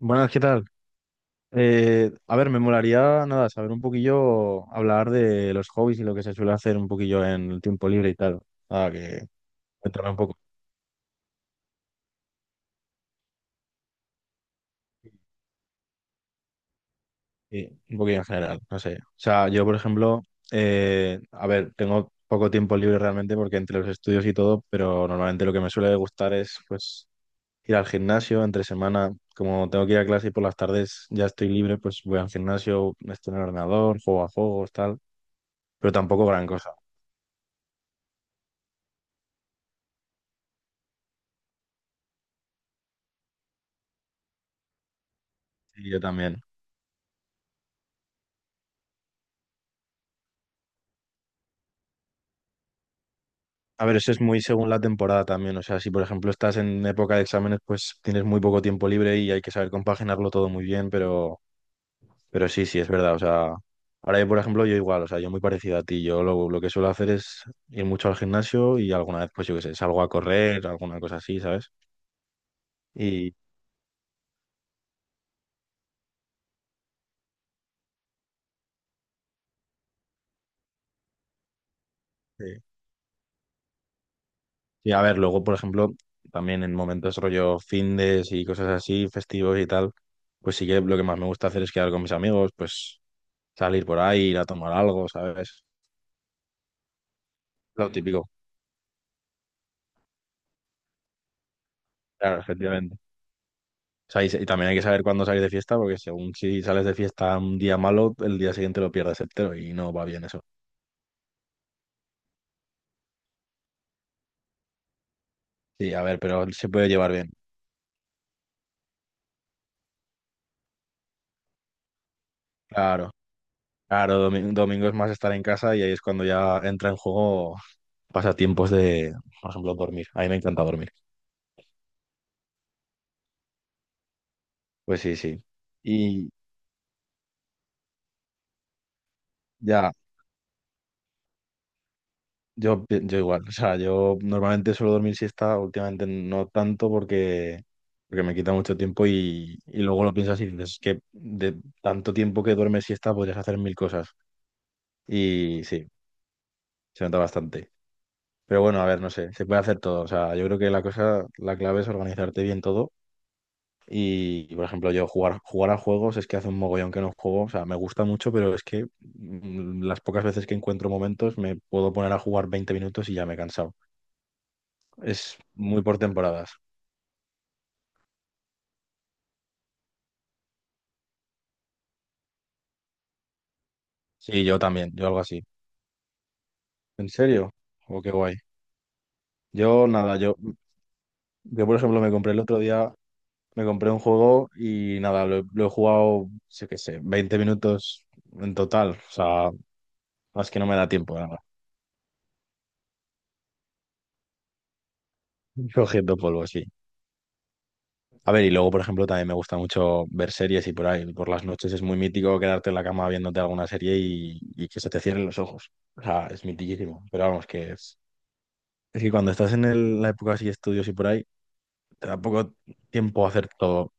Buenas, ¿qué tal? A ver, me molaría, nada, saber un poquillo, hablar de los hobbies y lo que se suele hacer un poquillo en el tiempo libre y tal. Ah, que cuéntame un poco, sí, un poquillo en general, no sé. O sea, yo, por ejemplo, a ver, tengo poco tiempo libre realmente porque entre los estudios y todo, pero normalmente lo que me suele gustar es, pues, ir al gimnasio entre semana. Como tengo que ir a clase y por las tardes ya estoy libre, pues voy al gimnasio, estoy en el ordenador, juego a juegos, tal, pero tampoco gran cosa. Y yo también. A ver, eso es muy según la temporada también. O sea, si por ejemplo estás en época de exámenes, pues tienes muy poco tiempo libre y hay que saber compaginarlo todo muy bien, pero sí, sí, es verdad. O sea, ahora yo, por ejemplo, yo igual, o sea, yo muy parecido a ti. Yo lo que suelo hacer es ir mucho al gimnasio y alguna vez, pues yo qué sé, salgo a correr, alguna cosa así, ¿sabes? Y, sí. Y a ver, luego, por ejemplo, también en momentos rollo findes y cosas así, festivos y tal, pues sí que lo que más me gusta hacer es quedar con mis amigos, pues salir por ahí, ir a tomar algo, ¿sabes? Lo típico. Claro, efectivamente. O sea, y también hay que saber cuándo salir de fiesta, porque según si sales de fiesta un día malo, el día siguiente lo pierdes entero y no va bien eso. Sí, a ver, pero se puede llevar bien. Claro, claro, domingo es más estar en casa y ahí es cuando ya entra en juego pasatiempos de, por ejemplo, dormir. A mí me encanta dormir. Pues sí, sí. Y ya. Yo igual, o sea, yo normalmente suelo dormir siesta, últimamente no tanto porque, me quita mucho tiempo y luego lo piensas y dices, es que de tanto tiempo que duermes siesta podrías hacer mil cosas. Y sí, se nota bastante. Pero bueno, a ver, no sé, se puede hacer todo. O sea, yo creo que la cosa, la clave es organizarte bien todo. Por ejemplo, yo jugar a juegos es que hace un mogollón que no juego. O sea, me gusta mucho, pero es que las pocas veces que encuentro momentos me puedo poner a jugar 20 minutos y ya me he cansado. Es muy por temporadas. Sí, yo también, yo algo así. ¿En serio? Oh, qué guay. Yo nada, yo por ejemplo me compré el otro día, me compré un juego y nada, he lo he jugado, sé qué sé, 20 minutos en total. O sea, es que no me da tiempo, nada. Cogiendo polvo, sí. A ver, y luego, por ejemplo, también me gusta mucho ver series y por ahí, por las noches es muy mítico quedarte en la cama viéndote alguna serie y que se te cierren los ojos. O sea, es mitiquísimo. Pero vamos, que es que cuando estás en la época así de estudios y por ahí, te da poco tiempo a hacer todo.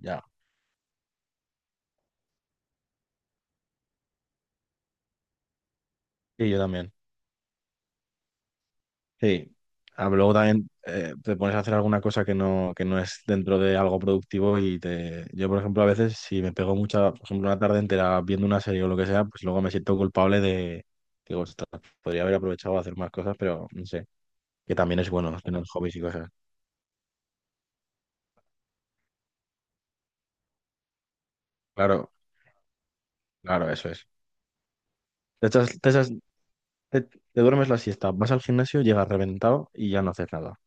Ya. Sí, yo también. Sí. Ah, pero luego también te pones a hacer alguna cosa que no es dentro de algo productivo y te... Yo, por ejemplo, a veces si me pego mucha, por ejemplo, una tarde entera viendo una serie o lo que sea, pues luego me siento culpable de... Digo, "Ostras, podría haber aprovechado a hacer más cosas, pero no sé, que también es bueno tener hobbies y cosas. Claro, claro, eso es. Te echas- te echas- te duermes la siesta, vas al gimnasio, llegas reventado y ya no haces nada.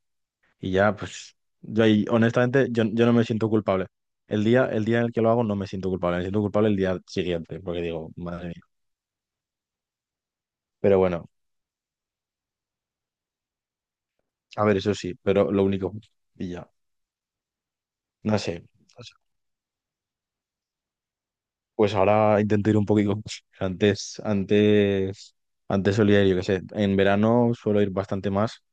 Y ya, pues, yo ahí, honestamente, yo no me siento culpable. El día en el que lo hago no me siento culpable, me siento culpable el día siguiente, porque digo, madre mía. Pero bueno, a ver, eso sí, pero lo único, y ya, no sé. Pues ahora intento ir un poquito. Antes, antes, antes solía ir, yo qué sé, en verano suelo ir bastante más,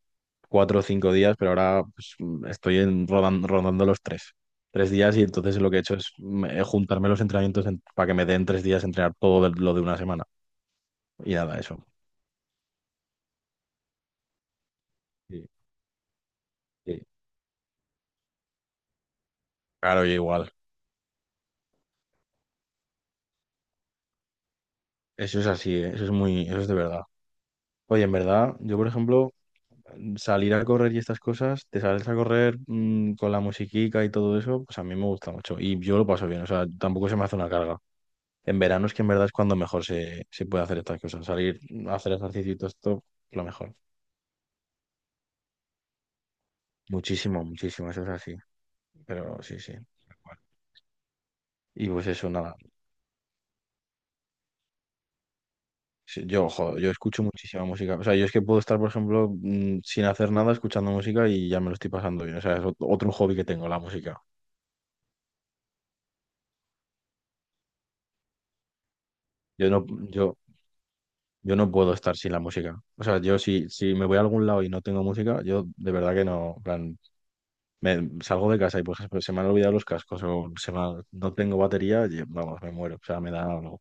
4 o 5 días, pero ahora pues, estoy rondando los tres. 3 días y entonces lo que he hecho es juntarme los entrenamientos para que me den 3 días entrenar todo lo de una semana. Y nada, eso. Sí, sí. Claro, yo igual. Eso es así, ¿eh? Eso es de verdad. Oye, en verdad, yo por ejemplo, salir a correr y estas cosas, te sales a correr con la musiquita y todo eso, pues a mí me gusta mucho. Y yo lo paso bien, o sea, tampoco se me hace una carga. En verano es que en verdad es cuando mejor se puede hacer estas cosas. Salir a hacer ejercicio y todo esto, lo mejor. Muchísimo, muchísimo, eso es así. Pero sí, sí. Y pues eso, nada. Sí, yo, joder, yo escucho muchísima música. O sea, yo es que puedo estar, por ejemplo, sin hacer nada escuchando música y ya me lo estoy pasando bien. O sea, es otro hobby que tengo, la música. Yo no, yo, yo no puedo estar sin la música. O sea, yo si me voy a algún lado y no tengo música, yo de verdad que no. En plan, me salgo de casa y, por ejemplo, se me han olvidado los cascos o no tengo batería, y, vamos, me muero. O sea, me da algo.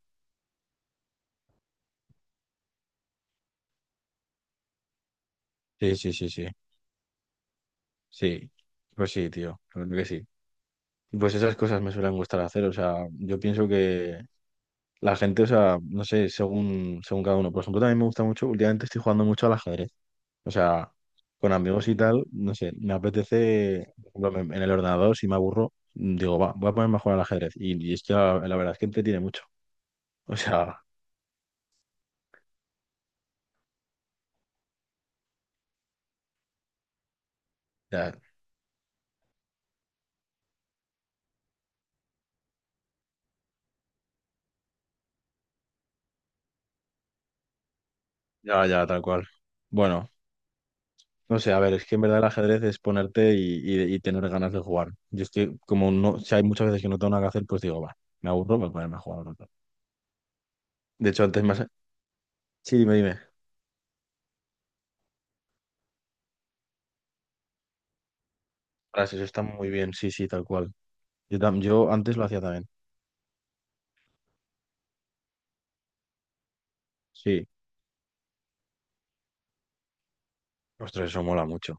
Sí, sí, sí, sí. Sí. Pues sí, tío. La verdad que sí. Pues esas cosas me suelen gustar hacer. O sea, yo pienso que la gente, o sea, no sé, según cada uno. Por ejemplo, también me gusta mucho, últimamente estoy jugando mucho al ajedrez. O sea, con amigos y tal, no sé, me apetece, por ejemplo, en el ordenador, si me aburro, digo, va, voy a ponerme a jugar al ajedrez. Y es que la verdad es que entretiene mucho. O sea, ya, ya, ya, tal cual. Bueno, no sé, a ver, es que en verdad el ajedrez es ponerte y tener ganas de jugar. Yo es que, como no, si hay muchas veces que no tengo nada que hacer, pues digo, va, me aburro, voy a ponerme a jugar al otro. De hecho, antes más... Sí, dime, dime. Frases, eso está muy bien, sí, sí, tal cual. Yo antes lo hacía también. Sí. Ostras, eso mola mucho.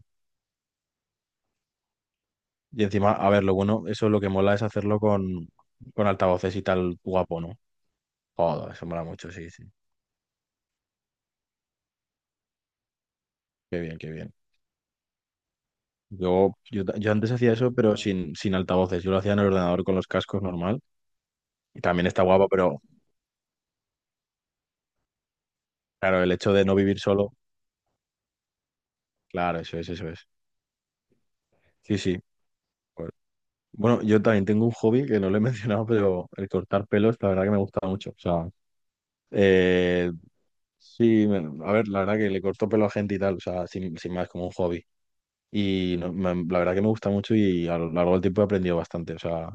Y encima, a ver, lo bueno, eso lo que mola es hacerlo con, altavoces y tal guapo, ¿no? Joder, eso mola mucho, sí, sí. Qué bien, qué bien. Yo antes hacía eso, pero sin altavoces. Yo lo hacía en el ordenador con los cascos normal. Y también está guapo, pero claro, el hecho de no vivir solo, claro, eso es, eso es. Sí, sí. Pues, bueno, yo también tengo un hobby que no lo he mencionado, pero el cortar pelos, la verdad que me gusta mucho. O sea, eh, sí, a ver, la verdad que le corto pelo a gente y tal, o sea, sin, más, como un hobby. Y la verdad que me gusta mucho y a lo largo del tiempo he aprendido bastante. O sea,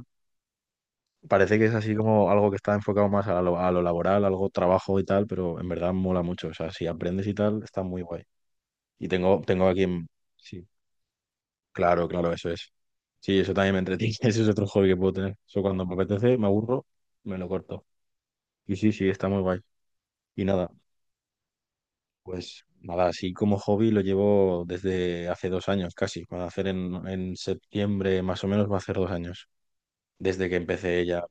parece que es así como algo que está enfocado más a lo, laboral, algo trabajo y tal, pero en verdad mola mucho. O sea, si aprendes y tal, está muy guay. Y tengo aquí en... Sí, claro, claro, eso es. Sí, eso también me entretiene. Ese es otro hobby que puedo tener. Eso cuando me apetece, me aburro, me lo corto. Y sí, sí, está muy guay. Y nada. Pues nada, así como hobby lo llevo desde hace 2 años casi. Va a hacer en septiembre más o menos, va a hacer 2 años. Desde que empecé ya.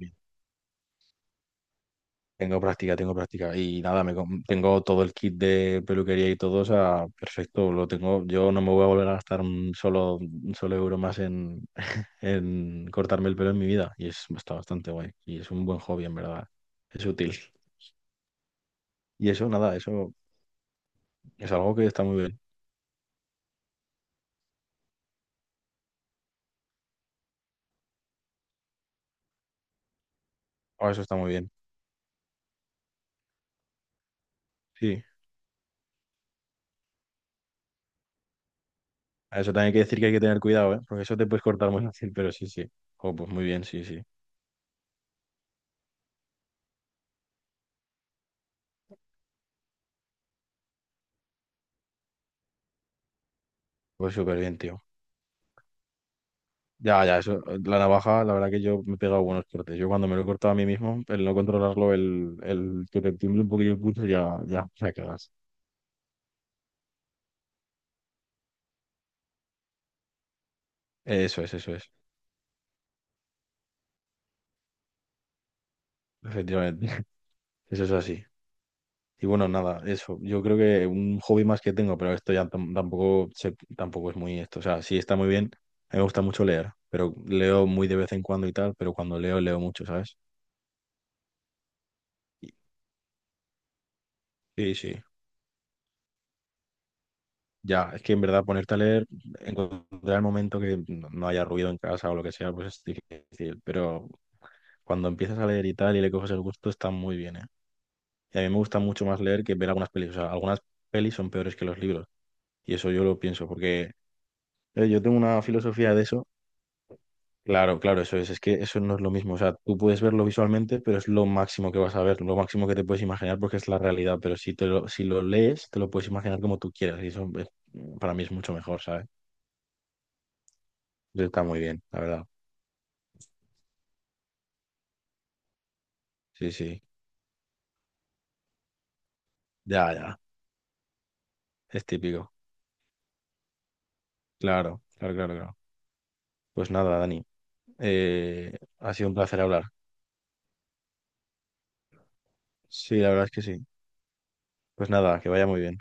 Tengo práctica, tengo práctica. Y nada, tengo todo el kit de peluquería y todo, o sea, perfecto, lo tengo. Yo no me voy a volver a gastar un solo euro más en, cortarme el pelo en mi vida. Y está bastante guay. Y es un buen hobby, en verdad. Es útil. Y eso, nada, eso es algo que está muy bien. Ah, eso está muy bien. Sí. A eso también hay que decir que hay que tener cuidado, ¿eh? Porque eso te puedes cortar muy fácil, pero sí, sí. Oh, pues muy bien, sí, sí. Pues súper bien, tío. Ya, ya, eso. La navaja, la verdad que yo me he pegado buenos cortes. Yo cuando me lo he cortado a mí mismo, el no controlarlo, el que te tiemble un poquillo el pulso, ya, ya, ya cagas. Eso es, eso es. Efectivamente. Eso es así. Y bueno, nada, eso. Yo creo que un hobby más que tengo, pero esto ya tampoco es muy esto. O sea, sí está muy bien. A mí me gusta mucho leer, pero leo muy de vez en cuando y tal, pero cuando leo, leo mucho, ¿sabes? Y- Sí, sí. Ya, es que en verdad ponerte a leer, encontrar el momento que no haya ruido en casa o lo que sea, pues es difícil. Pero cuando empiezas a leer y tal y le coges el gusto, está muy bien, ¿eh? Y a mí me gusta mucho más leer que ver algunas pelis. O sea, algunas pelis son peores que los libros. Y eso yo lo pienso, porque yo tengo una filosofía de eso. Claro, claro, eso es. Es que eso no es lo mismo. O sea, tú puedes verlo visualmente, pero es lo máximo que vas a ver, lo máximo que te puedes imaginar porque es la realidad. Pero si lo lees, te lo puedes imaginar como tú quieras. Y eso para mí es mucho mejor, ¿sabes? Está muy bien, la verdad. Sí, sí, ya, ya, es típico. Claro, claro, claro, claro. Pues nada, Dani, ha sido un placer hablar. Sí, la verdad es que sí. Pues nada, que vaya muy bien.